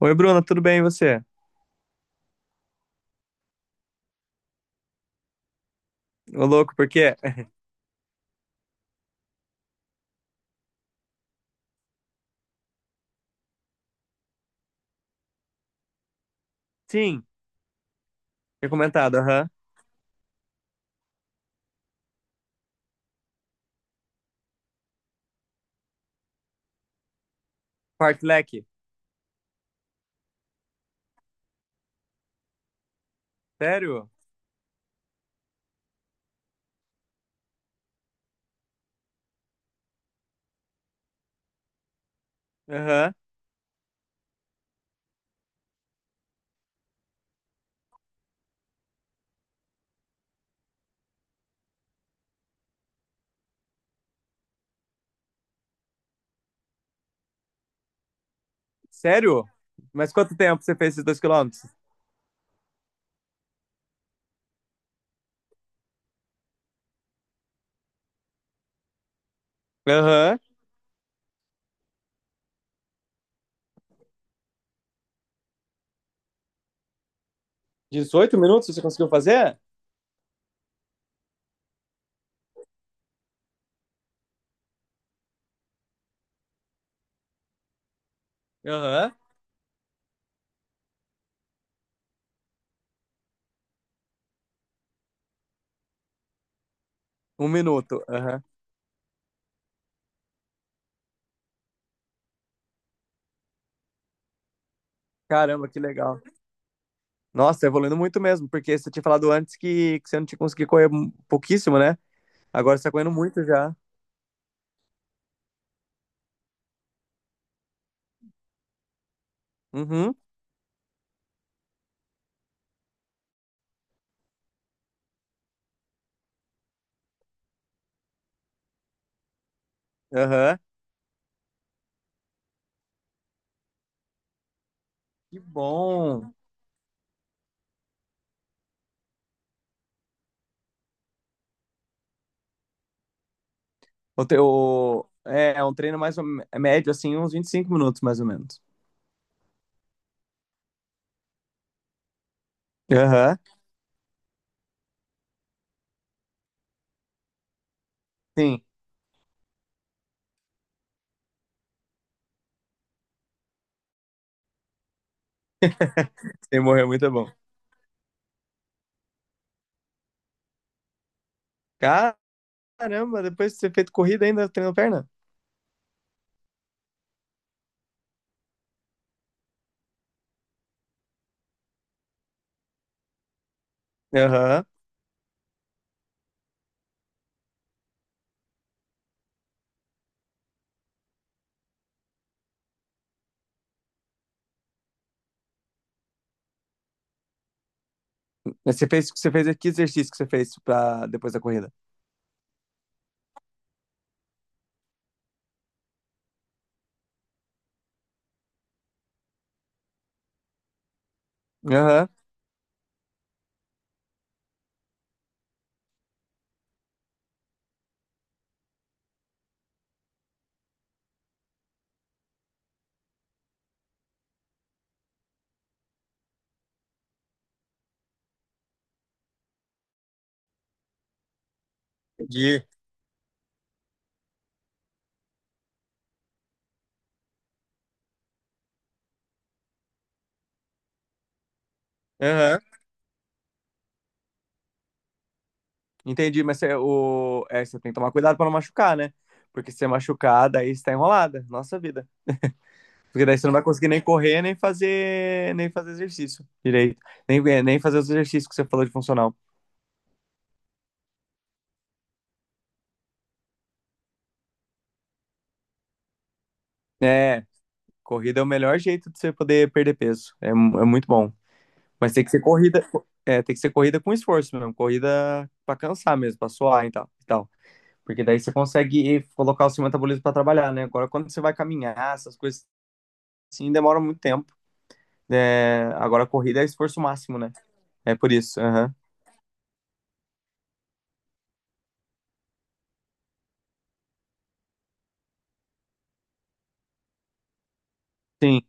Oi, Bruna, tudo bem e você? Ô, louco, por quê? Sim, tinha comentado, aham. Fartlek. Sério? Aham. Sério? Mas quanto tempo você fez esses 2 km? Aham. 18 minutos você conseguiu fazer? Aham. Um minuto, aham. Caramba, que legal. Nossa, tá evoluindo muito mesmo, porque você tinha falado antes que você não tinha conseguido correr pouquíssimo, né? Agora você tá correndo muito já. Uhum, aham. Que bom. É um treino é médio, assim, uns 25 minutos, mais ou menos. Aham. Sim, sem morrer é muito bom. Caramba, depois de ter feito corrida ainda treinou perna? Aham. Mas você fez que exercício que você fez pra, depois da corrida? Aham. Entendi. Aham. Entendi, mas você tem que tomar cuidado pra não machucar, né? Porque se você machucar, daí você tá enrolada. Nossa vida. Porque daí você não vai conseguir nem correr, nem fazer exercício direito. Nem fazer os exercícios que você falou de funcional. É, corrida é o melhor jeito de você poder perder peso. É, é muito bom. Mas tem que ser corrida com esforço mesmo, corrida pra cansar mesmo, pra suar e tal, e tal. Porque daí você consegue colocar o seu metabolismo pra trabalhar, né? Agora, quando você vai caminhar, essas coisas assim, demora muito tempo. É, agora, a corrida é esforço máximo, né? É por isso. Aham. Sim.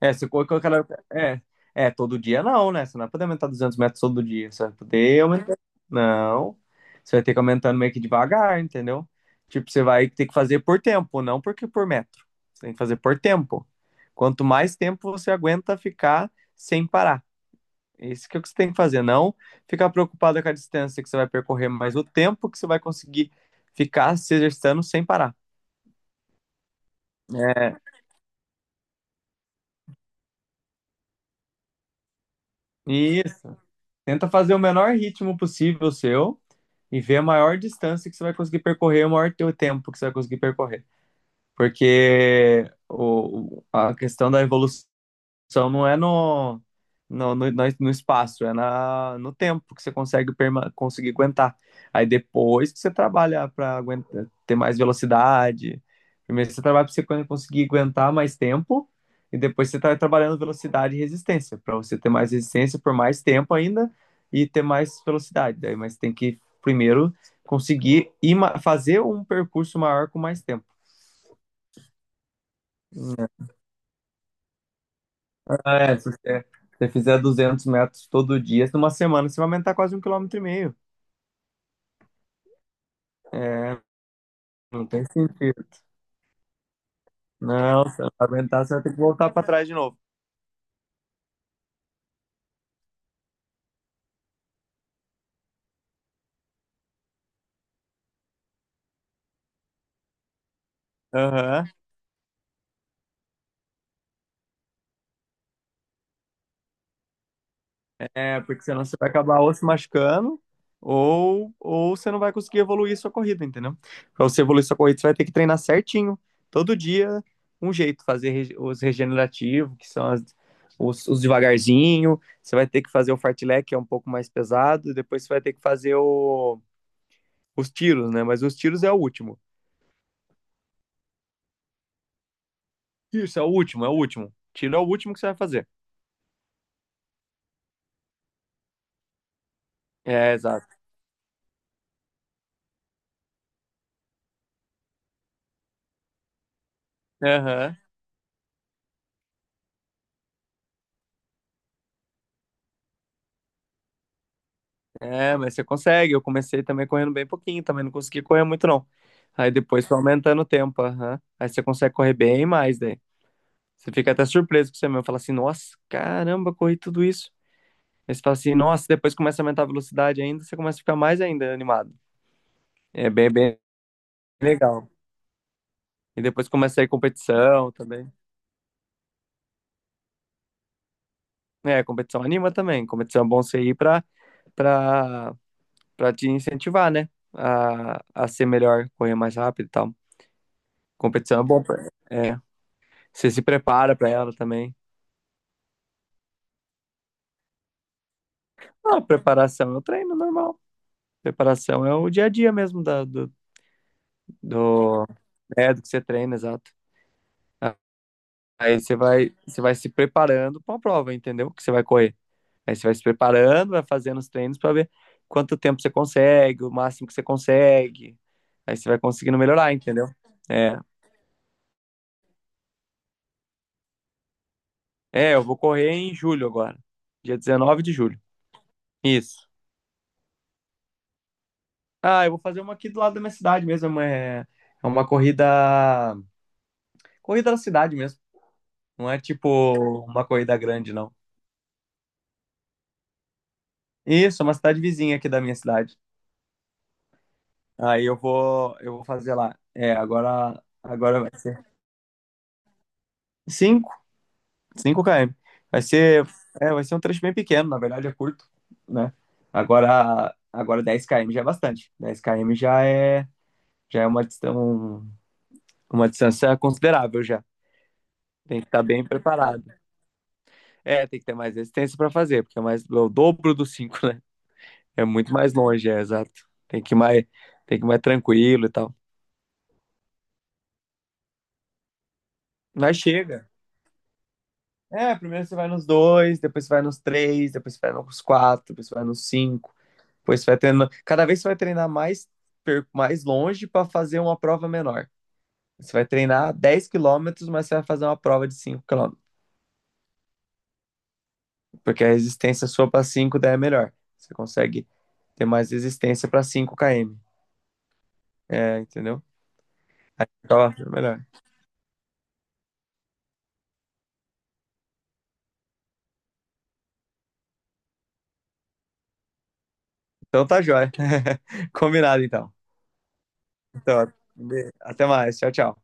É, se for que eu quero. É, todo dia não, né? Você não vai poder aumentar 200 metros todo dia. Você vai poder aumentar. Não. Você vai ter que aumentando meio que devagar, entendeu? Tipo, você vai ter que fazer por tempo, não porque por metro. Você tem que fazer por tempo. Quanto mais tempo você aguenta ficar sem parar. É isso que é o que você tem que fazer. Não ficar preocupado com a distância que você vai percorrer, mas o tempo que você vai conseguir ficar se exercitando sem parar. É, isso. Tenta fazer o menor ritmo possível seu e ver a maior distância que você vai conseguir percorrer, o maior teu tempo que você vai conseguir percorrer. Porque a questão da evolução só não é no espaço, é no tempo que você consegue conseguir aguentar. Aí depois que você trabalha para ter mais velocidade. Primeiro você trabalha para você conseguir aguentar mais tempo, e depois você está trabalhando velocidade e resistência, para você ter mais resistência por mais tempo ainda e ter mais velocidade. Daí, mas tem que primeiro conseguir ir, fazer um percurso maior com mais tempo. Ah, é, se você, você fizer 200 metros todo dia, numa semana você vai aumentar quase um quilômetro e meio. É, não tem sentido. Não, se não aumentar, você vai ter que voltar para trás de novo. Aham. É, porque senão você vai acabar ou se machucando, ou você não vai conseguir evoluir sua corrida, entendeu? Para você evoluir sua corrida, você vai ter que treinar certinho, todo dia, um jeito, fazer os regenerativos, que são os devagarzinho, você vai ter que fazer o fartlek, que é um pouco mais pesado, e depois você vai ter que fazer o os tiros, né? Mas os tiros é o último. Isso, é o último, é o último. Tiro é o último que você vai fazer. É, exato. Aham. É, mas você consegue. Eu comecei também correndo bem pouquinho, também não consegui correr muito, não. Aí depois foi aumentando o tempo, aham. Aí você consegue correr bem mais daí. Você fica até surpreso com você mesmo. Fala assim, nossa, caramba, corri tudo isso. Aí você fala assim, nossa, depois começa a aumentar a velocidade ainda, você começa a ficar mais ainda animado. É bem, bem legal. E depois começa a ir competição também. É, competição anima também. Competição é bom você ir pra, pra te incentivar, né? A ser melhor, correr mais rápido e tal. Competição é bom pra, você se prepara pra ela também. Ah, preparação é o treino normal. Preparação é o dia a dia mesmo da, do, do, é, do que você treina, exato. Aí você vai se preparando pra uma prova, entendeu? Que você vai correr. Aí você vai se preparando, vai fazendo os treinos para ver quanto tempo você consegue, o máximo que você consegue. Aí você vai conseguindo melhorar, entendeu? É. É, eu vou correr em julho agora. Dia 19 de julho. Isso. Ah, eu vou fazer uma aqui do lado da minha cidade mesmo. É uma corrida. Corrida da cidade mesmo. Não é tipo uma corrida grande, não. Isso, é uma cidade vizinha aqui da minha cidade. Aí eu vou fazer lá. É, agora vai ser. Sim, cinco km. Vai ser, vai ser um trecho bem pequeno, na verdade é curto, né? Agora 10 km já é bastante. Dez km já é uma distância considerável já. Tem que estar bem preparado. É, tem que ter mais resistência para fazer, porque é mais é o dobro do cinco, né? É muito mais longe, é exato. Tem que ir mais, tem que ir mais tranquilo e tal. Mas chega. É, primeiro você vai nos dois, depois você vai nos três, depois você vai nos quatro, depois você vai nos cinco. Pois você vai treinando. Cada vez você vai treinar mais longe para fazer uma prova menor. Você vai treinar 10 km, mas você vai fazer uma prova de cinco km. Porque a resistência sua para 5 daí é melhor. Você consegue ter mais resistência para 5 km. É, entendeu? Então, é melhor. Então tá jóia. Combinado então. Então, até mais. Tchau, tchau.